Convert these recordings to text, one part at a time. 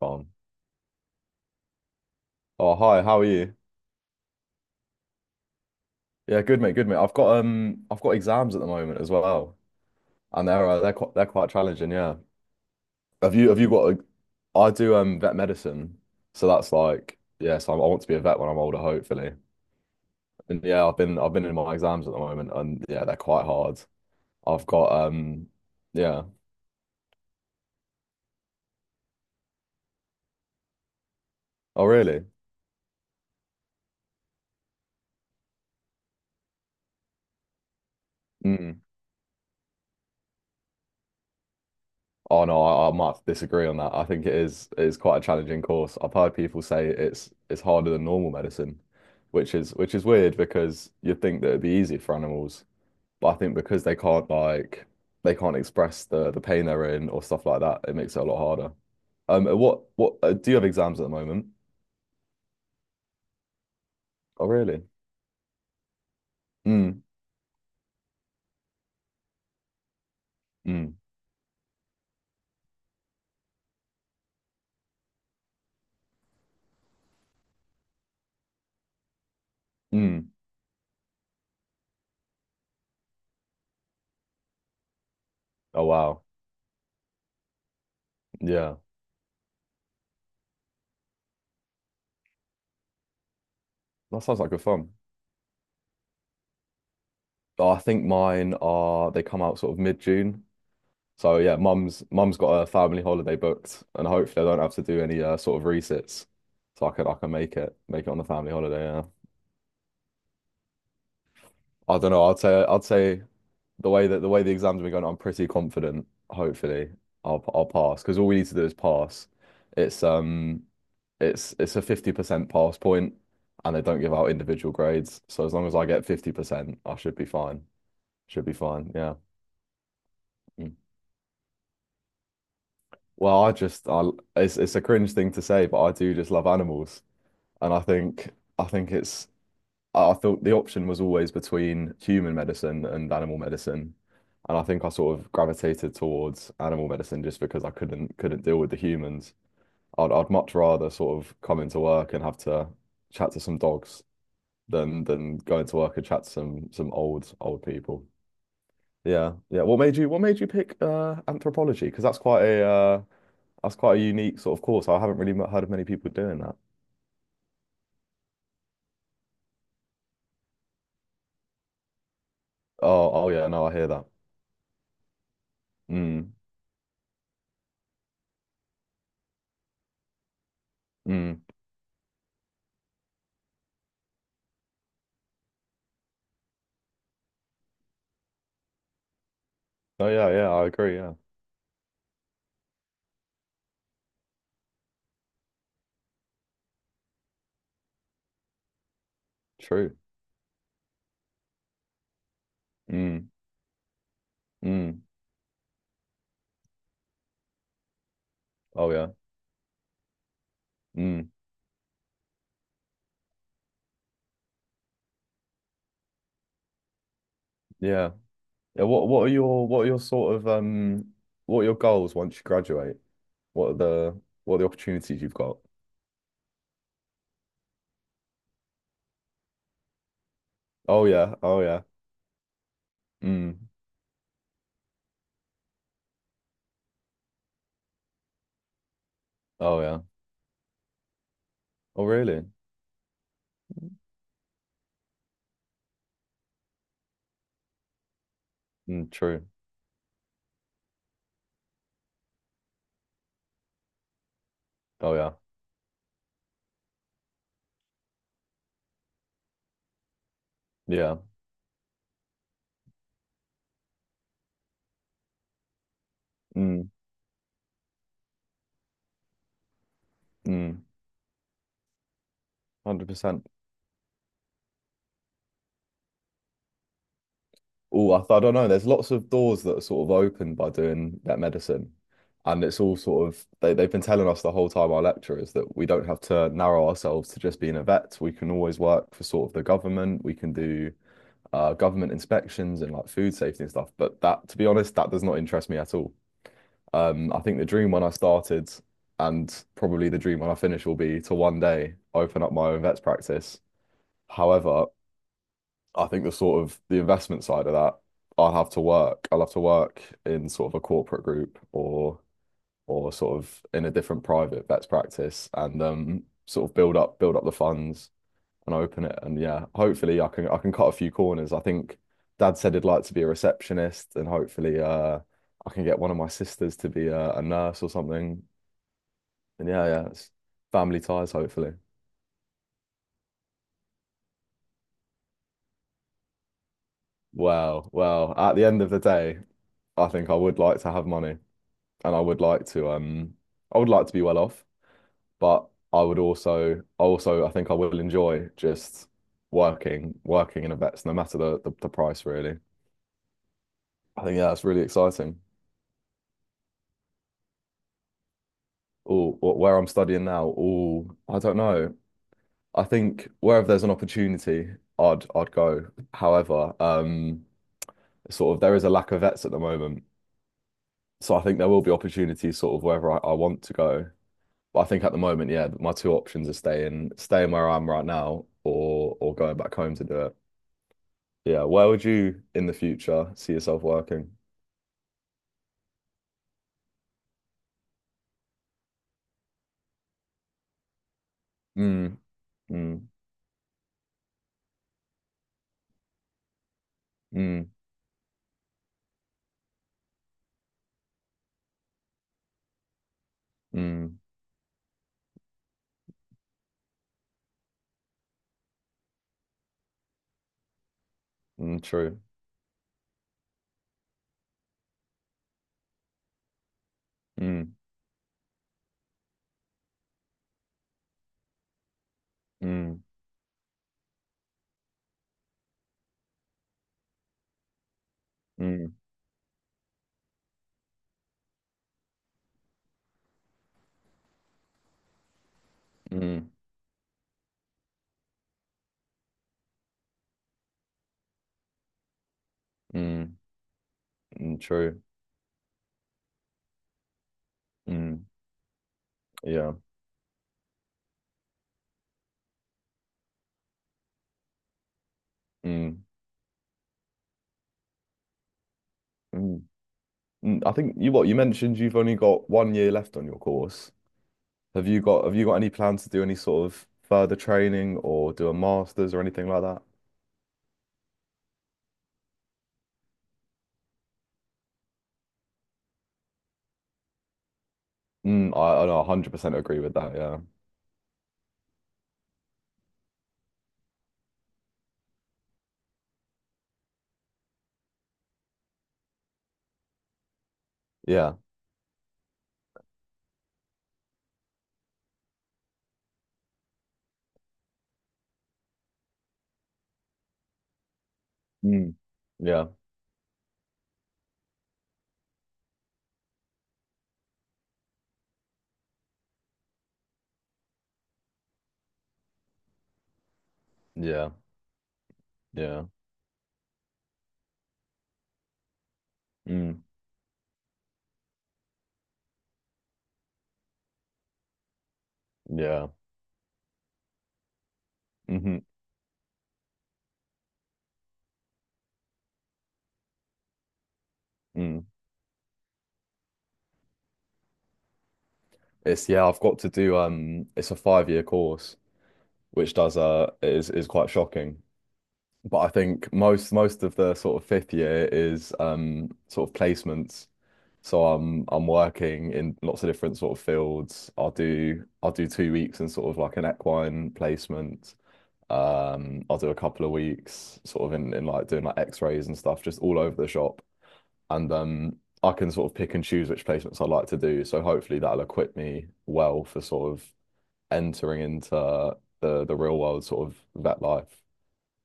Fine. Oh, hi, how are you? Yeah, good mate, good mate. I've got exams at the moment as well. And they're quite challenging, yeah. Have you got a, I do vet medicine. So that's like yeah, so I want to be a vet when I'm older, hopefully. And yeah, I've been in my exams at the moment and yeah, they're quite hard. I've got yeah. Oh really? Mm. Oh no, I might have to disagree on that. I think it is quite a challenging course. I've heard people say it's harder than normal medicine, which is weird because you'd think that it'd be easier for animals, but I think because they can't like they can't express the pain they're in or stuff like that, it makes it a lot harder. What Do you have exams at the moment? Oh really? Mm, mm, mm. Oh wow, yeah, that sounds like good fun. I think mine are they come out sort of mid-June. So yeah, mum's got a family holiday booked, and hopefully I don't have to do any sort of resits, so I can make it on the family holiday. Yeah, I don't know. I'd say the way that the way the exams have been going, I'm pretty confident. Hopefully, I'll pass because all we need to do is pass. It's um, it's it's a 50% pass point, and they don't give out individual grades. So as long as I get 50%, I should be fine. Should be fine. Yeah. Mm. Well, I it's a cringe thing to say, but I do just love animals. And I think it's I thought the option was always between human medicine and animal medicine. And I think I sort of gravitated towards animal medicine just because I couldn't deal with the humans. I'd much rather sort of come into work and have to chat to some dogs than go into work and chat to some old old people. Yeah. Yeah. What made you pick anthropology? Because that's quite a unique sort of course. I haven't really heard of many people doing that. Oh, oh yeah, no, I hear that. Mm. Mm. Oh yeah, yeah, I agree. Yeah, true. Mm. Mm. Oh yeah. Mm. Yeah. Yeah. What are your sort of What are your goals once you graduate? What are the opportunities you've got? Oh yeah. Oh yeah. Mm. Oh yeah. Oh really? Mm, true. Oh yeah. Yeah. Mm. Mm. 100%. Oh, I don't know. There's lots of doors that are sort of opened by doing that medicine. And it's all sort of, they've been telling us the whole time, our lecturers, that we don't have to narrow ourselves to just being a vet. We can always work for sort of the government. We can do government inspections and like food safety and stuff. But that, to be honest, that does not interest me at all. I think the dream when I started and probably the dream when I finish will be to one day open up my own vet's practice. However, I think the sort of the investment side of that, I'll have to work in sort of a corporate group or sort of in a different private vets practice and sort of build up the funds and open it. And yeah, hopefully I can cut a few corners. I think Dad said he'd like to be a receptionist and hopefully I can get one of my sisters to be a nurse or something. And yeah, yeah, it's family ties hopefully. Well, at the end of the day, I think I would like to have money. And I would like to I would like to be well off, but I would also I think I will enjoy just working in a vets no matter the price really. I think yeah, that's really exciting. Oh, where I'm studying now, oh, I don't know. I think wherever there's an opportunity, I'd go. However, sort of there is a lack of vets at the moment. So I think there will be opportunities sort of wherever I want to go. But I think at the moment, yeah, my two options are staying where I am right now or going back home to do it. Yeah, where would you in the future see yourself working? Mm, mm, mm, mm, mm, true. Mm, mm, mm, mm, mm, mm, true. Mm, yeah. Mm, mm, mm. I think you what you mentioned you've only got 1 year left on your course. Have you got any plans to do any sort of further training or do a master's or anything like that? Mm, I know 100% agree with that. Yeah. Yeah. Mm, yeah. Yeah. Yeah. Mm, yeah. Hmm. Mm. It's yeah, I've got to do it's a five-year course, which does is quite shocking. But I think most of the sort of fifth year is sort of placements. So I'm working in lots of different sort of fields. I'll do 2 weeks in sort of like an equine placement. I'll do a couple of weeks sort of in like doing like x-rays and stuff, just all over the shop. And I can sort of pick and choose which placements I like to do. So hopefully that'll equip me well for sort of entering into the real world sort of vet life.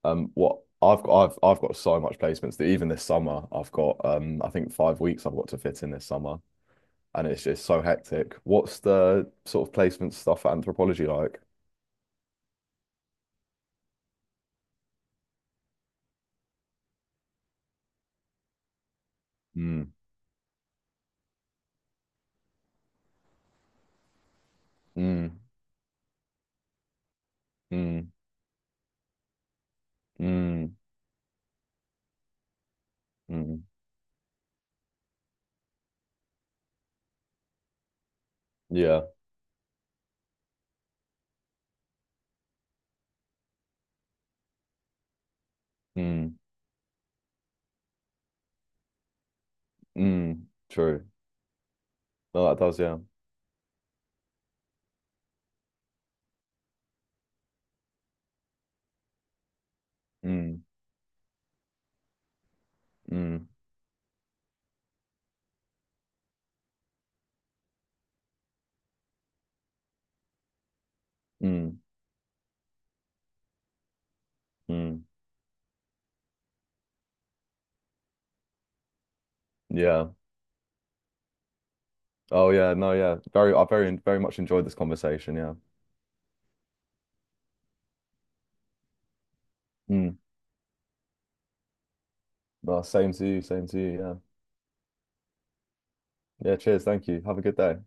I've got so much placements that even this summer I've got I think 5 weeks I've got to fit in this summer, and it's just so hectic. What's the sort of placement stuff at anthropology like? Mm, mm, mm, mm, mm. Yeah. Mm. Mm. True. No, that does, yeah. Mm. Mm. Mm. Mm. Yeah. Oh yeah, no, yeah. Very very much enjoyed this conversation, yeah. Mm. No, same to you, yeah. Yeah, cheers, thank you. Have a good day.